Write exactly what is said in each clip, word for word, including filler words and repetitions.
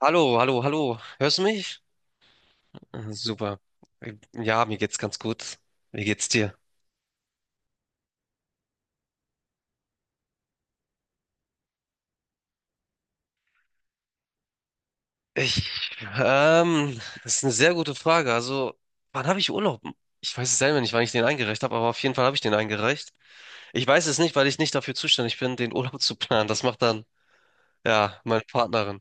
Hallo, hallo, hallo. Hörst du mich? Äh, Super. Äh, Ja, mir geht's ganz gut. Wie geht's dir? Ich, ähm, Das ist eine sehr gute Frage. Also, wann habe ich Urlaub? Ich weiß es selber nicht, wann ich den eingereicht habe, aber auf jeden Fall habe ich den eingereicht. Ich weiß es nicht, weil ich nicht dafür zuständig bin, den Urlaub zu planen. Das macht dann, ja, meine Partnerin.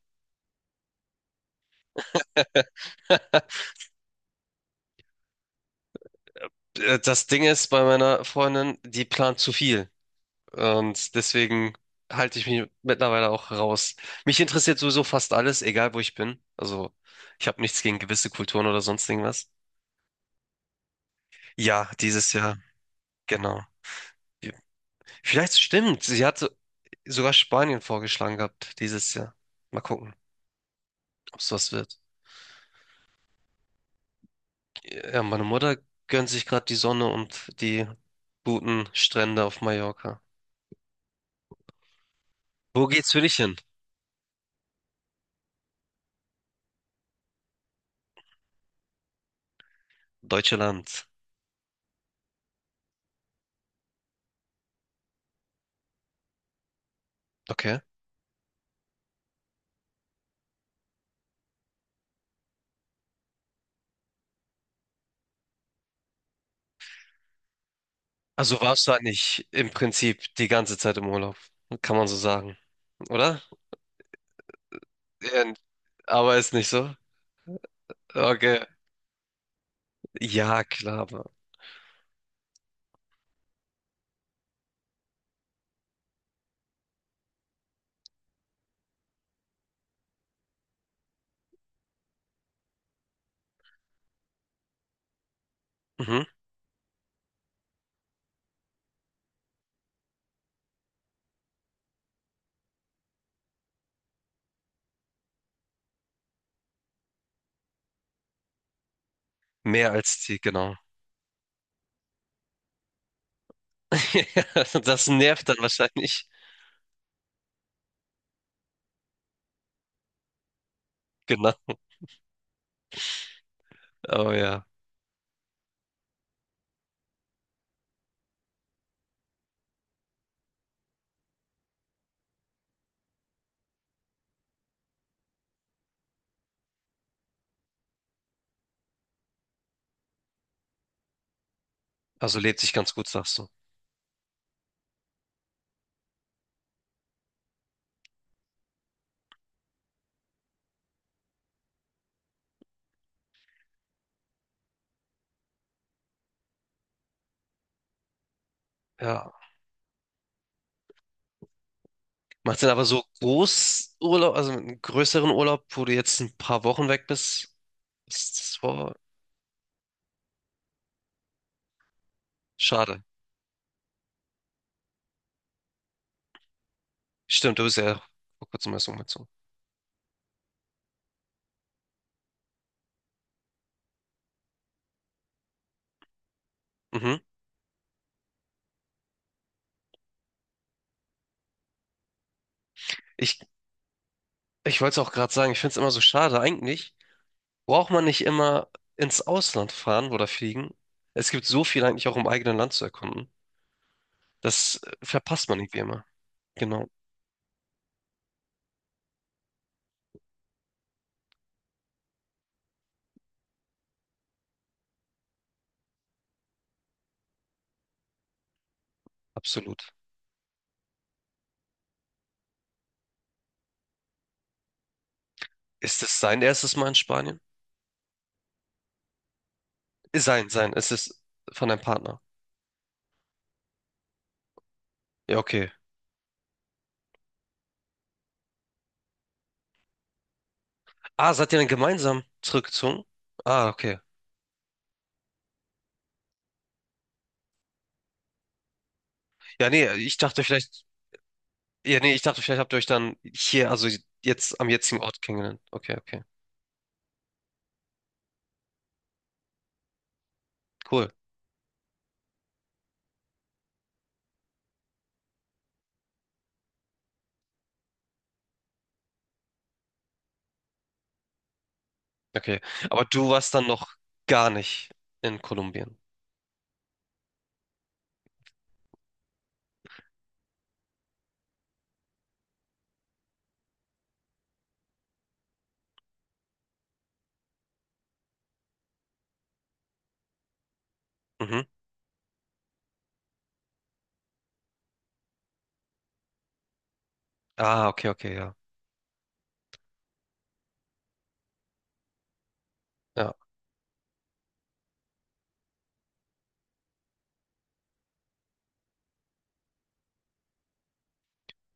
Äh, Das Ding ist bei meiner Freundin, die plant zu viel. Und deswegen halte ich mich mittlerweile auch raus. Mich interessiert sowieso fast alles, egal wo ich bin. Also ich habe nichts gegen gewisse Kulturen oder sonst irgendwas. Ja, dieses Jahr, genau. Vielleicht stimmt. Sie hat so- sogar Spanien vorgeschlagen gehabt dieses Jahr. Mal gucken, ob es was wird. Ja, meine Mutter gönnt sich gerade die Sonne und die guten Strände auf Mallorca. Wo geht's für dich hin? Deutsche Land. Okay. Also warst du eigentlich im Prinzip die ganze Zeit im Urlaub, kann man so sagen, oder? Äh, Aber ist nicht so. Okay. Ja, klar, aber. Mhm. Mehr als die, genau. Ja, das nervt dann wahrscheinlich. Genau. Oh ja. Also lebt sich ganz gut, sagst du. Ja. Macht denn aber so Großurlaub, also einen größeren Urlaub, wo du jetzt ein paar Wochen weg bist? Ist das war schade. Stimmt, du bist ja vor kurzem erst umgezogen. Mhm. Ich, ich wollte es auch gerade sagen, ich finde es immer so schade eigentlich. Braucht man nicht immer ins Ausland fahren oder fliegen? Es gibt so viel eigentlich auch im eigenen Land zu erkunden. Das äh, verpasst man irgendwie immer. Genau, absolut. Ist es sein erstes Mal in Spanien? Äh, Sein, sein. Es ist von deinem Partner. Ja, okay. Ah, seid ihr dann gemeinsam zurückgezogen? Ah, okay. Ja, nee, ich dachte vielleicht, ja, nee, ich dachte vielleicht habt ihr euch dann hier, also jetzt am jetzigen Ort kennengelernt. Okay, okay. Cool. Okay. Aber du warst dann noch gar nicht in Kolumbien. Mhm. Ah, okay, okay, ja. Ja.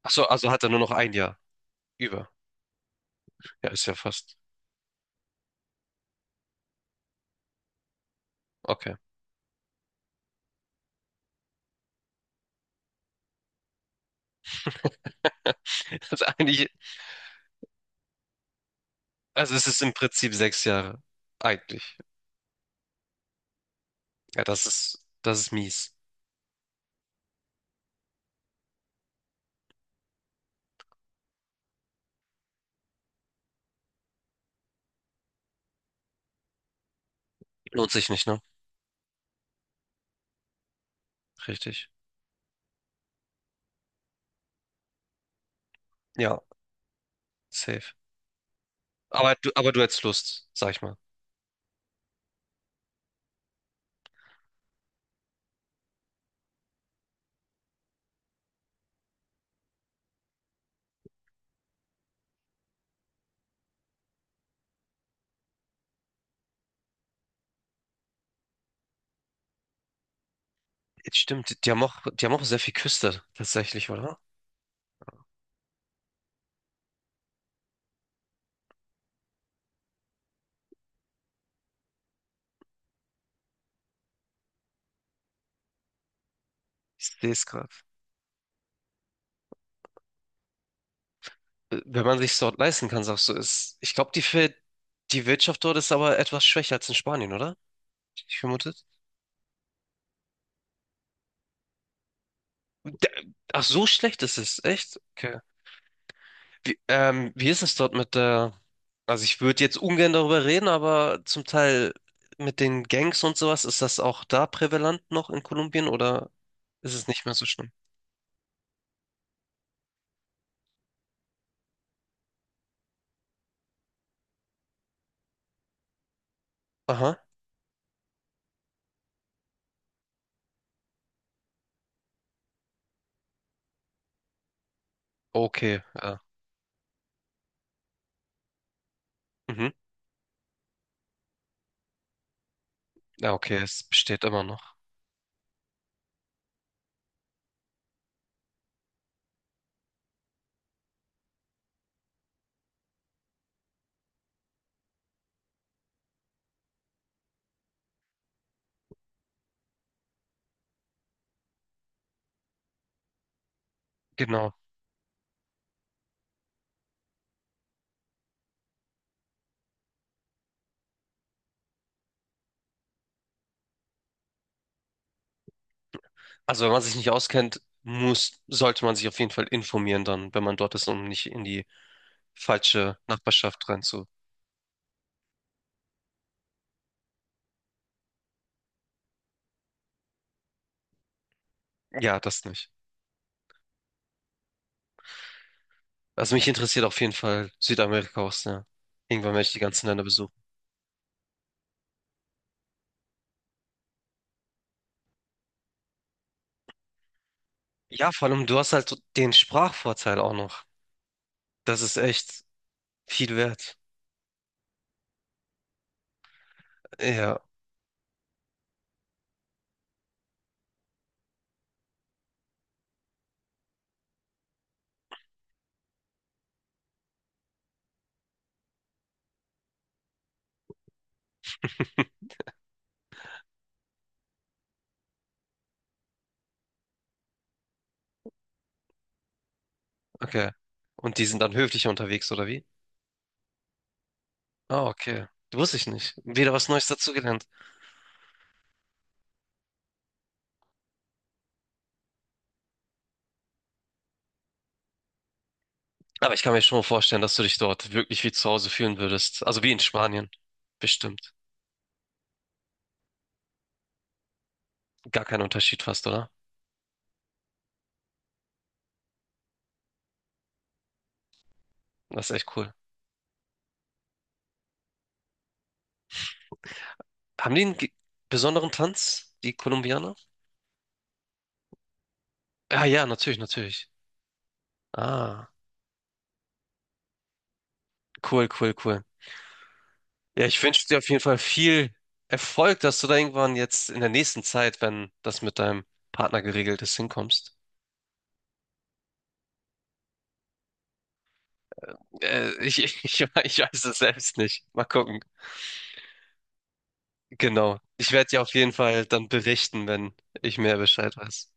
Ach so, also hat er nur noch ein Jahr über. Ja, ist ja fast. Okay. Also eigentlich, also es ist im Prinzip sechs Jahre. Eigentlich. Ja, das ist, das ist mies. Lohnt sich nicht, ne? Richtig. Ja, safe. Aber du, aber du hättest Lust, sag ich mal. Jetzt stimmt, die die haben auch, die haben auch sehr viel Küste, tatsächlich, oder? Ich sehe es gerade. Äh, Wenn man sich dort leisten kann, sagst du, ist, ich glaube, die, Ver- die Wirtschaft dort ist aber etwas schwächer als in Spanien, oder? Ich vermutet. Der- Ach, so schlecht ist es, echt? Okay. Wie, ähm, wie ist es dort mit der, also ich würde jetzt ungern darüber reden, aber zum Teil mit den Gangs und sowas, ist das auch da prävalent noch in Kolumbien oder ist es nicht mehr so schlimm? Aha, okay, ja. Mhm. Ja, okay, es besteht immer noch. Genau. Also wenn man sich nicht auskennt, muss, sollte man sich auf jeden Fall informieren dann, wenn man dort ist, um nicht in die falsche Nachbarschaft reinzu. Ja, das nicht. Also mich interessiert auf jeden Fall Südamerika auch sehr. Irgendwann werde ich die ganzen Länder besuchen. Ja, vor allem du hast halt so den Sprachvorteil auch noch. Das ist echt viel wert. Ja, okay. Und die sind dann höflicher unterwegs, oder wie? Ah, okay. Wusste ich nicht. Wieder was Neues dazugelernt. Aber ich kann mir schon vorstellen, dass du dich dort wirklich wie zu Hause fühlen würdest. Also wie in Spanien. Bestimmt. Gar kein Unterschied fast, oder? Das ist echt cool. Haben die einen ge- besonderen Tanz, die Kolumbianer? Ah ja, natürlich, natürlich. Ah, cool, cool, cool. Ja, ich wünsche dir auf jeden Fall viel Erfolg, dass du da irgendwann jetzt in der nächsten Zeit, wenn das mit deinem Partner geregelt ist, hinkommst. Äh, ich, ich, ich weiß es selbst nicht. Mal gucken. Genau. Ich werde dir auf jeden Fall dann berichten, wenn ich mehr Bescheid weiß.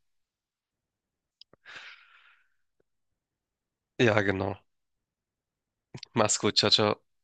Ja, genau. Mach's gut. Ciao, ciao.